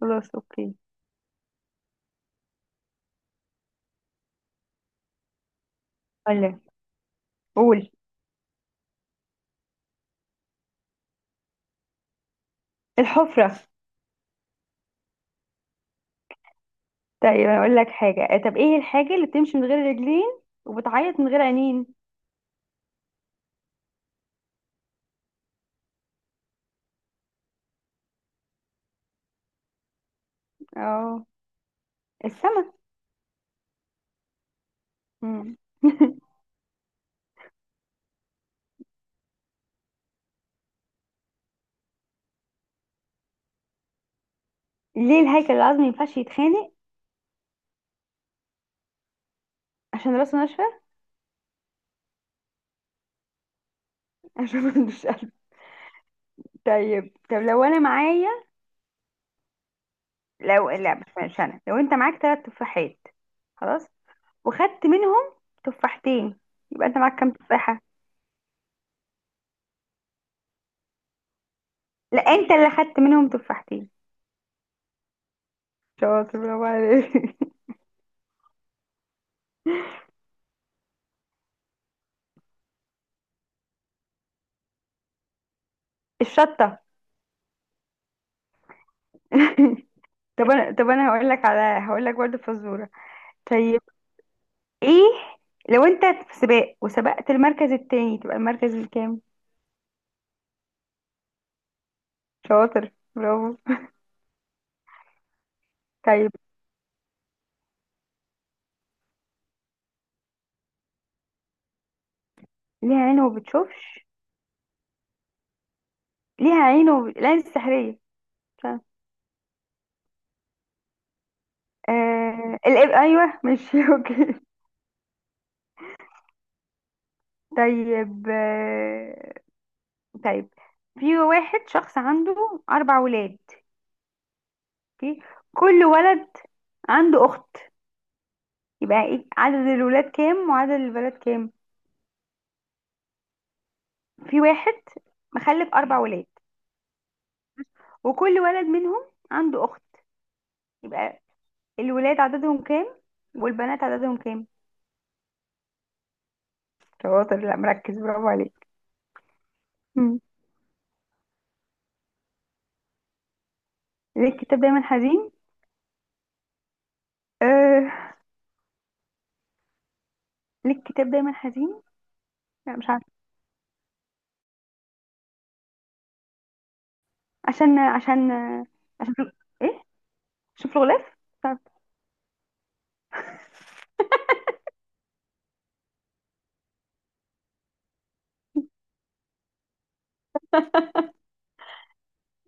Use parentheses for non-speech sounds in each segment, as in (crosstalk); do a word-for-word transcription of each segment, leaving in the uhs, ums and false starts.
خلاص، اوكي. ولا. قول. الحفرة. طيب، انا اقول لك حاجة، آه، طب ايه الحاجة اللي بتمشي من غير رجلين وبتعيط من غير عينين؟ اه. السما. مم. (laughs) ليه الهيكل العظمي ما ينفعش يتخانق؟ عشان راسه ناشفة. (laughs) عشان ما عندوش قلب. طيب، طب لو انا معايا، لو لا مش مش انا لو انت معاك ثلاث تفاحات، خلاص، وخدت منهم تفاحتين، يبقى انت معاك كام تفاحة؟ لا، انت اللي خدت منهم تفاحتين. شاطر، برافو عليك. (laughs) الشطة. (laughs) طب انا طب انا هقول لك على هقول لك برضه فزوره. طيب، ايه؟ لو انت في سباق وسبقت المركز التاني تبقى المركز الكام؟ شاطر، برافو. طيب، ليها عين وما بتشوفش. ليها عين وب... العين السحريه. مش عارفة. آه... الإب... ايوه، مش (laughs) اوكي. طيب، آه... طيب، في واحد شخص عنده اربع ولاد، اوكي، كل ولد عنده اخت، يبقى ايه عدد الولاد كام وعدد البنات كام؟ في واحد مخلف أربع ولاد، وكل ولد منهم عنده أخت، يبقى الولاد عددهم كام والبنات عددهم كام؟ شاطر، لا مركز، برافو عليك. مم. ليه الكتاب دايما حزين؟ آه ليه الكتاب دايما حزين؟ لا، مش عارفة. عشان عشان عشان في... ايه، عشان في الغلاف. مش عارفة.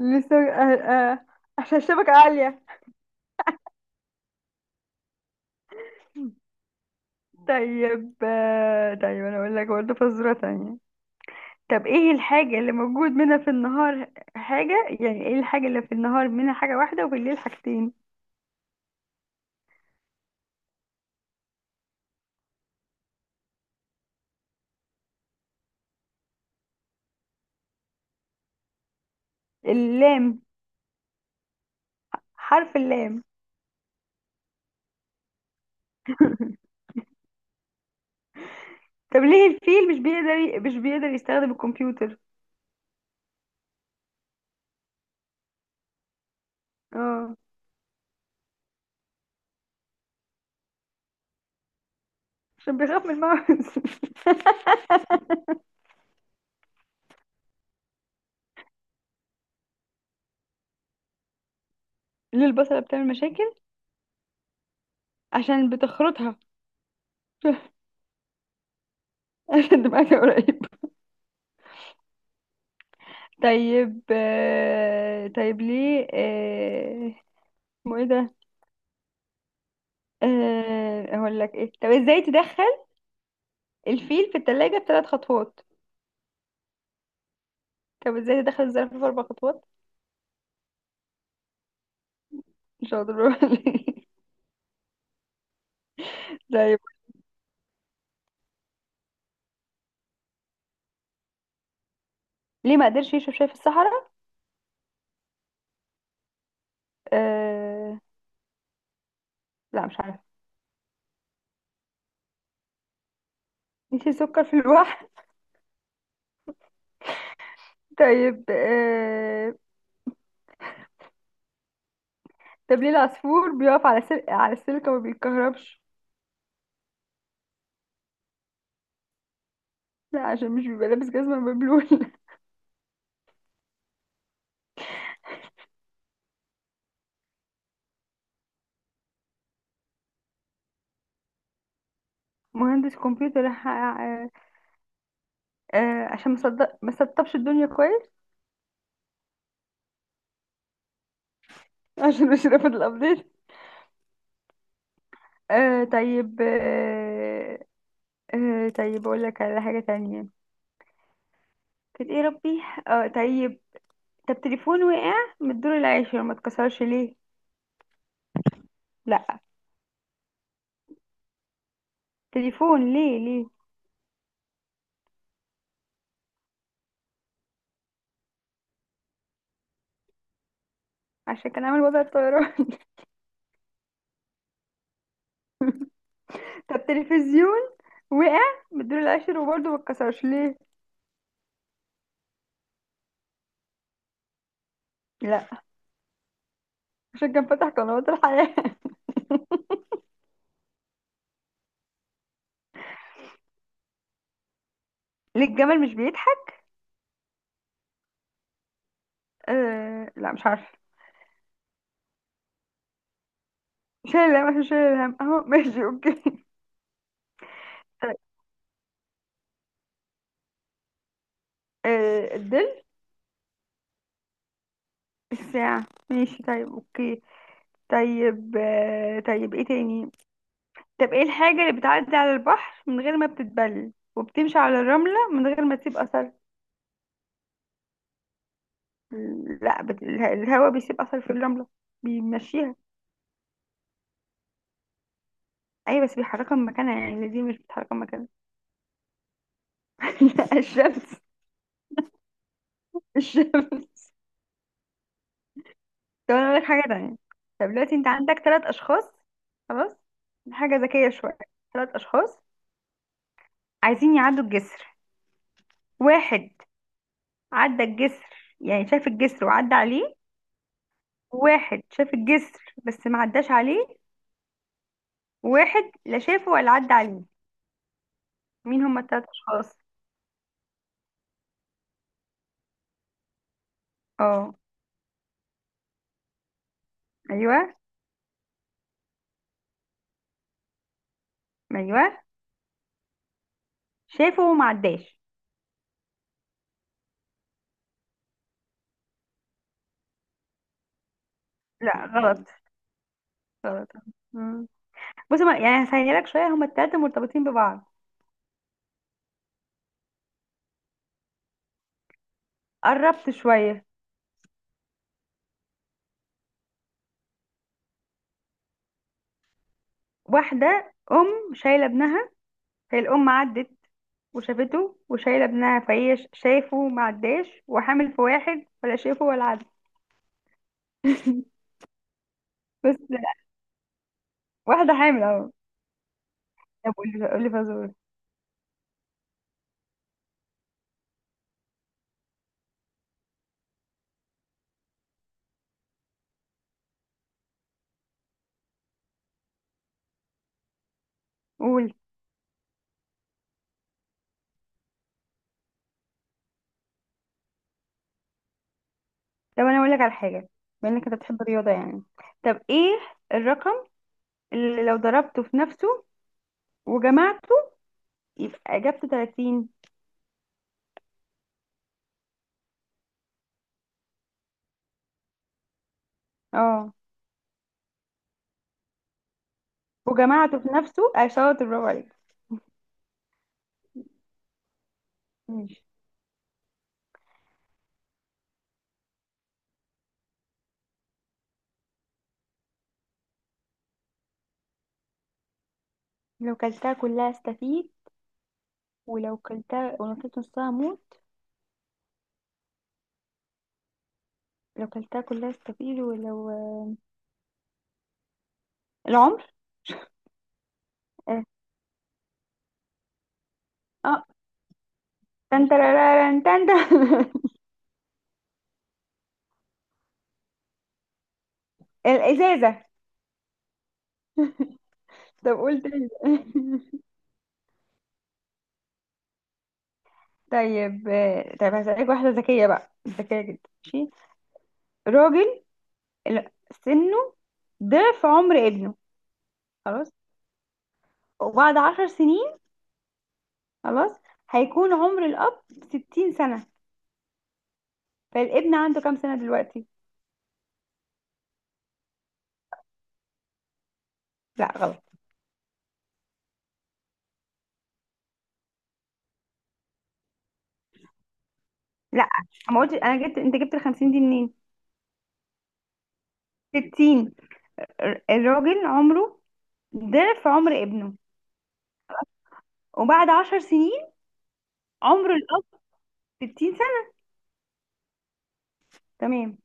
لسه. آه آه. عشان الشبكة عالية. طيب، آه، طيب انا اقول لك برضه فزورة تانية. طب ايه الحاجة اللي موجود منها في النهار؟ حاجة يعني ايه الحاجة اللي في النهار منها حاجة واحدة وبالليل حاجتين؟ اللام، حرف اللام. (laughs) طب ليه الفيل مش بيقدر ي- مش بيقدر يستخدم الكمبيوتر؟ اه. عشان بيخاف من الماوس. (laughs) ليه البصلة بتعمل مشاكل؟ عشان بتخرطها. (laughs) عشان دماغها قريب. طيب، آه... طيب ليه، آه، اسمه ايه ده؟ آه... اقول لك ايه، طب ازاي تدخل الفيل في التلاجة بثلاث خطوات؟ طب ازاي دخل الزرافه في اربع خطوات؟ مش هقدر. برافو عليك. طيب. (laughs) ليه ما قدرش يشرب شاي في الصحراء؟ آه... لا، مش عارفه. نسي سكر في الواح. (laughs) طيب، آه... طب ليه العصفور بيقف على سل... على السلك وما بيتكهربش؟ لا، عشان مش بيبقى لابس جزمه مبلول. (laughs) مهندس كمبيوتر ح- آه... آه... عشان ما صدق ما سطبش الدنيا كويس. (laughs) عشان مش رافض الابديت. آه... طيب، آه... آه... طيب اقول لك على حاجه تانية. كانت ايه ربي؟ اه، طيب. طب تليفون وقع من الدور العاشر ما اتكسرش ليه؟ لا. تليفون. ليه؟ ليه عشان كان عامل وضع الطيران. (laughs) طب تلفزيون وقع من الدور العاشر وبرضه ما اتكسرش ليه؟ لا، عشان كان فتح قنوات الحياة. (laughs) ليه الجمل مش بيضحك؟ آه... لا، مش عارفه. شايل الهم، عشان شايل الهم اهو، ماشي، اوكي. (laughs) طيب، آه... الظل. الساعة، ماشي، طيب، اوكي. طيب، آه... طيب، ايه تاني؟ طب ايه الحاجة اللي بتعدي على البحر من غير ما بتتبل وبتمشي على الرملة من غير ما تسيب أثر؟ لا، بت... اله- الهوا بيسيب اثر في الرمله، بيمشيها. ايوه، بس بيحركها من مكانها يعني، دي مش بتحركها من مكانها. (laughs) لا، الشمس. الشمس. طب انا اقول لك حاجه تانية. طب دلوقتي انت عندك ثلاث اشخاص، خلاص، دي حاجه ذكيه شويه. ثلاث اشخاص عايزين يعدوا الجسر. واحد عدى الجسر، يعني شاف الجسر وعدى عليه. واحد شاف الجسر بس ما عداش عليه. واحد لا شافه ولا عدى عليه. مين هما الثلاث اشخاص؟ اه. ايوه، ايوه. شافه وما عداش. لا، غلط. غلط. مم. بصي، ما- يعني هسهلها لك شوية، هما التلاتة مرتبطين ببعض. قربت شوية. واحدة أم شايلة ابنها. هي الأم عدت وشافته، وشايلة ابنها، فهي ش- شايفه، ما عداش، وحامل في واحد ولا شايفه ولا عدى. بس لا، واحدة حامل اهو. طب قولي، قولي فزورة. قول. طب أنا أقول لك على حاجة. بما إنك أنت بتحب الرياضة يعني، طب إيه الرقم اللي لو ضربته في نفسه وجمعته يبقى إجابته ثلاثين؟ اه، وجمعته في نفسه. آه، شاطر برافو عليك. ماشي. لو كلتها كلها استفيد ولو كلتها ولو كلت نصها موت. لو كلتها كلها استفيد ولو، آه، العمر. اه. آه. تن ترارارن تن تن. (laughs) الازازه. طب قلت تاني. (laughs) طيب، آه، طيب هسألك واحده ذكيه بقى، ذكيه جدا. ماشي، راجل ال- سنه ضعف عمر ابنه، خلاص، وبعد عشر سنين، خلاص، هيكون عمر الاب ستين سنه، فالابن عنده كام سنه دلوقتي؟ لا. لا، ما قلت انا. جبت انت؟ جبت ال خمسين دي منين؟ ستين. الر- الراجل عمره ضعف عمر ابنه، وبعد عشر سنين عمر الاب ستين سنه. تمام.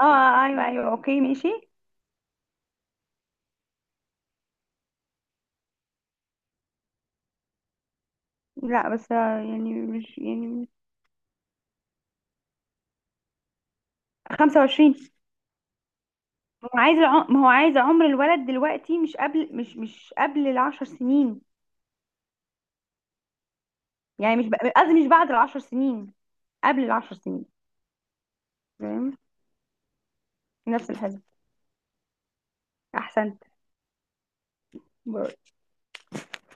اه، آه، ايوه، ايوه، اوكي، ماشي. لا بس، آه، يعني مش يعني، خمسة وعشرين. ما هو عايز الع... ما هو عايز عمر الولد دلوقتي مش قبل، مش مش قبل ال عشر سنين. يعني مش ب- قصدي مش بعد ال عشرة سنين، قبل ال عشرة سنين. تمام. نفس الحزب. احسنت.